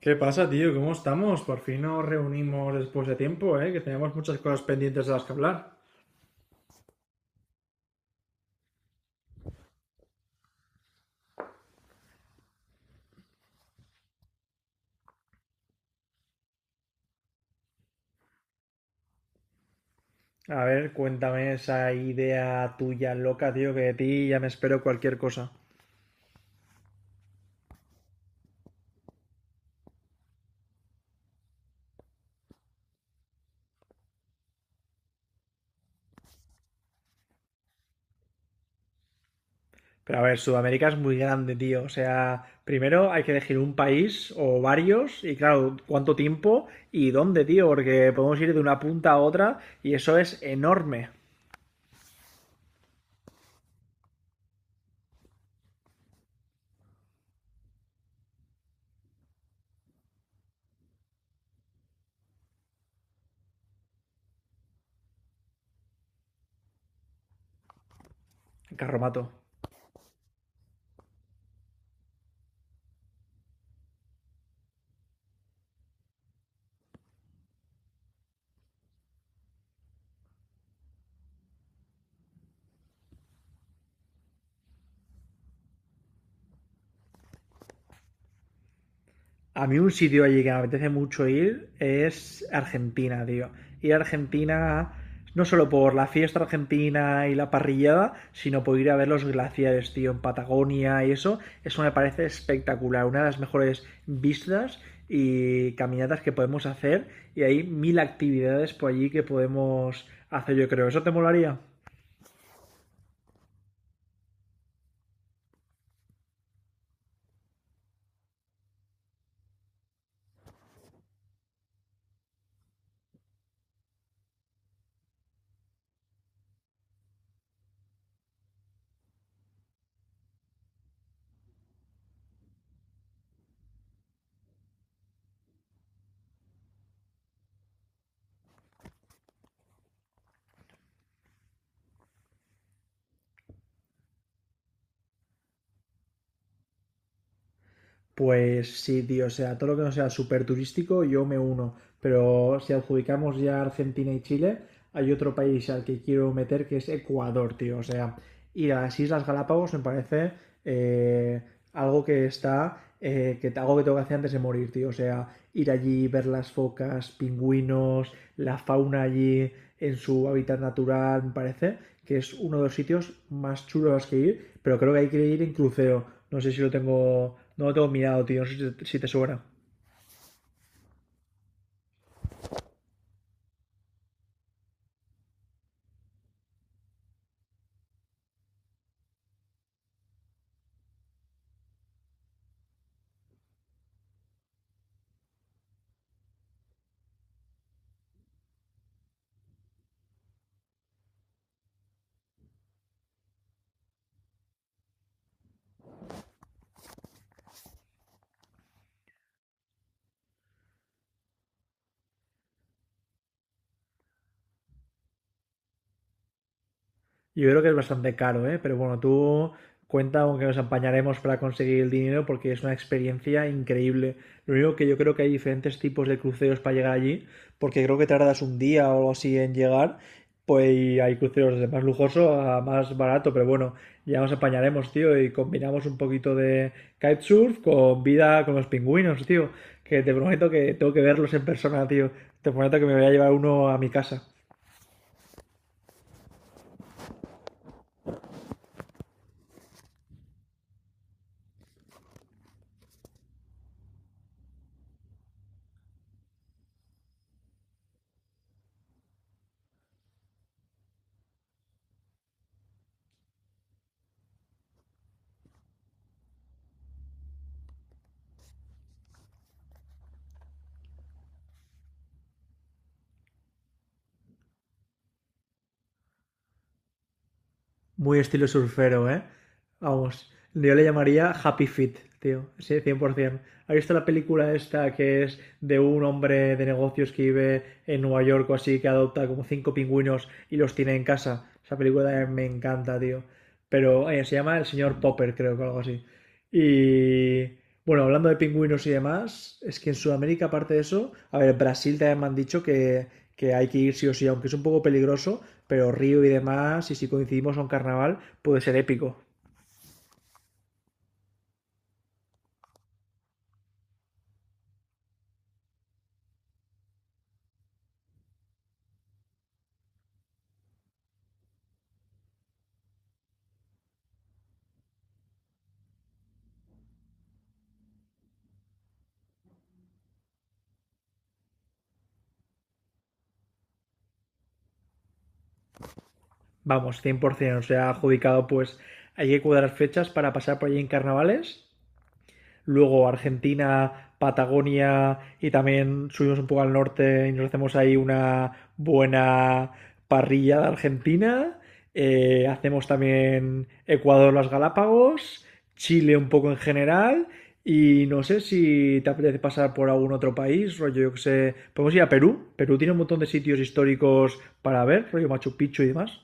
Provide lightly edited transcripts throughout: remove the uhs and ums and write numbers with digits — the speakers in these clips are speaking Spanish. ¿Qué pasa, tío? ¿Cómo estamos? Por fin nos reunimos después de tiempo, ¿eh? Que tenemos muchas cosas pendientes de las que hablar. A ver, cuéntame esa idea tuya loca, tío, que de ti ya me espero cualquier cosa. Pero a ver, Sudamérica es muy grande, tío. O sea, primero hay que elegir un país o varios y claro, cuánto tiempo y dónde, tío, porque podemos ir de una punta a otra y eso es enorme. Carromato. A mí un sitio allí que me apetece mucho ir es Argentina, tío. Ir a Argentina no solo por la fiesta argentina y la parrillada, sino por ir a ver los glaciares, tío, en Patagonia y eso. Eso me parece espectacular, una de las mejores vistas y caminatas que podemos hacer y hay mil actividades por allí que podemos hacer, yo creo. ¿Eso te molaría? Pues sí, tío, o sea, todo lo que no sea súper turístico, yo me uno. Pero si adjudicamos ya Argentina y Chile, hay otro país al que quiero meter que es Ecuador, tío. O sea, y las Islas Galápagos me parece eh, algo que está, que algo que tengo que hacer antes de morir, tío. O sea, ir allí, ver las focas, pingüinos, la fauna allí en su hábitat natural, me parece que es uno de los sitios más chulos a los que ir, pero creo que hay que ir en crucero. No sé si lo tengo, no lo tengo mirado, tío, no sé si te suena. Yo creo que es bastante caro, ¿eh? Pero bueno, tú cuenta aunque nos apañaremos para conseguir el dinero porque es una experiencia increíble. Lo único que yo creo que hay diferentes tipos de cruceros para llegar allí, porque creo que tardas un día o algo así en llegar, pues y hay cruceros de más lujoso a más barato, pero bueno, ya nos apañaremos, tío, y combinamos un poquito de kitesurf con vida con los pingüinos, tío, que te prometo que tengo que verlos en persona, tío. Te prometo que me voy a llevar uno a mi casa. Muy estilo surfero, ¿eh? Vamos, yo le llamaría Happy Feet, tío, sí, 100%. ¿Has visto la película esta que es de un hombre de negocios que vive en Nueva York o así, que adopta como cinco pingüinos y los tiene en casa? Esa película también me encanta, tío. Pero se llama El señor Popper, creo que algo así. Y bueno, hablando de pingüinos y demás, es que en Sudamérica, aparte de eso, a ver, Brasil también me han dicho que hay que ir sí o sí, aunque es un poco peligroso, pero Río y demás, y si coincidimos en carnaval, puede ser épico. Vamos, 100%. O sea, adjudicado, pues hay que cuadrar fechas para pasar por allí en carnavales. Luego Argentina, Patagonia y también subimos un poco al norte y nos hacemos ahí una buena parrilla de Argentina. Hacemos también Ecuador, las Galápagos, Chile un poco en general. Y no sé si te apetece pasar por algún otro país, rollo, yo que sé. Podemos ir a Perú. Perú tiene un montón de sitios históricos para ver, rollo Machu Picchu y demás.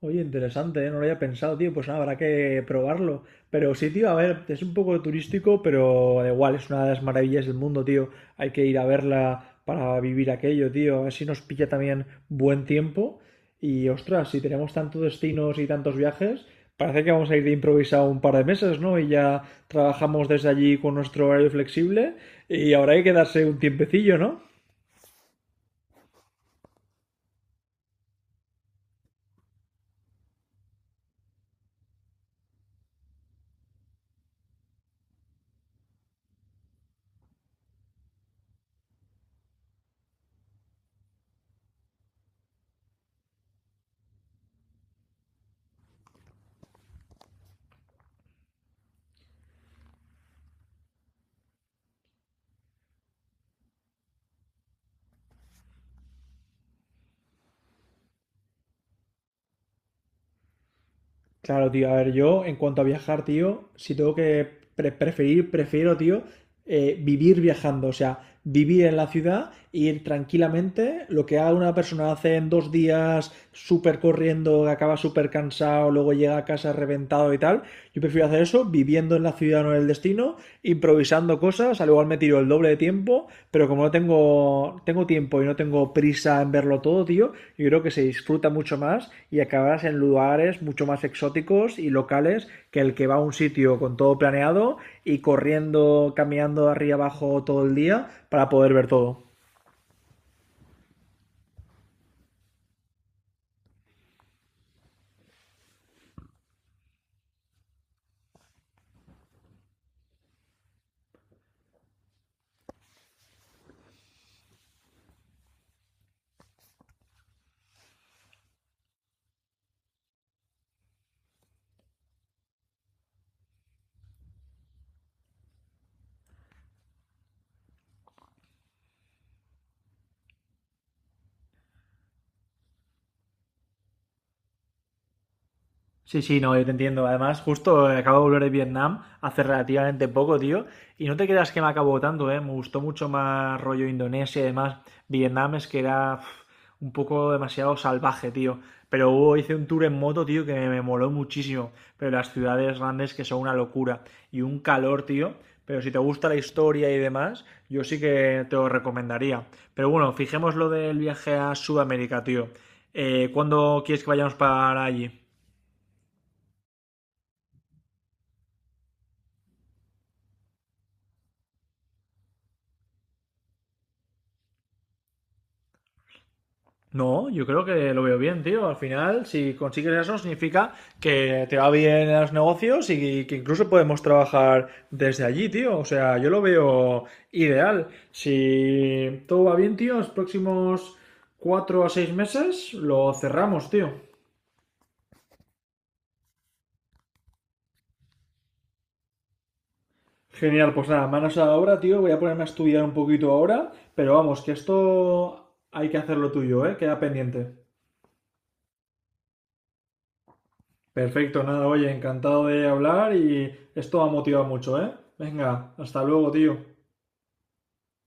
Oye, interesante, ¿eh? No lo había pensado, tío. Pues nada, habrá que probarlo. Pero sí, tío, a ver, es un poco turístico, pero da igual, es una de las maravillas del mundo, tío. Hay que ir a verla para vivir aquello, tío. A ver si nos pilla también buen tiempo. Y ostras, si tenemos tantos destinos y tantos viajes, parece que vamos a ir de improvisado un par de meses, ¿no? Y ya trabajamos desde allí con nuestro horario flexible. Y habrá que quedarse un tiempecillo, ¿no? Claro, tío. A ver, yo en cuanto a viajar, tío, si tengo que preferir, prefiero, tío, vivir viajando. O sea, vivir en la ciudad, ir tranquilamente. Lo que haga una persona hace en 2 días, súper corriendo, acaba súper cansado, luego llega a casa reventado y tal. Yo prefiero hacer eso, viviendo en la ciudad, no en el destino, improvisando cosas. Al igual me tiro el doble de tiempo pero como no tengo, tengo tiempo y no tengo prisa en verlo todo, tío, yo creo que se disfruta mucho más y acabarás en lugares mucho más exóticos y locales que el que va a un sitio con todo planeado y corriendo, caminando arriba y abajo todo el día para poder ver todo. Sí, sí, no, yo te entiendo. Además, justo acabo de volver de Vietnam hace relativamente poco, tío. Y no te creas que me acabó tanto, ¿eh? Me gustó mucho más rollo Indonesia y demás. Vietnam es que era uf, un poco demasiado salvaje, tío. Pero hubo, hice un tour en moto, tío, que me moló muchísimo. Pero las ciudades grandes que son una locura. Y un calor, tío. Pero si te gusta la historia y demás, yo sí que te lo recomendaría. Pero bueno, fijemos lo del viaje a Sudamérica, tío. ¿Cuándo quieres que vayamos para allí? No, yo creo que lo veo bien, tío. Al final, si consigues eso, significa que te va bien en los negocios y que incluso podemos trabajar desde allí, tío. O sea, yo lo veo ideal. Si todo va bien, tío, los próximos 4 a 6 meses lo cerramos, tío. Genial, pues nada, manos a la obra, tío. Voy a ponerme a estudiar un poquito ahora, pero vamos, que esto hay que hacerlo tuyo, ¿eh? Queda pendiente. Perfecto, nada, oye, encantado de hablar y esto ha motivado mucho, ¿eh? Venga, hasta luego, tío.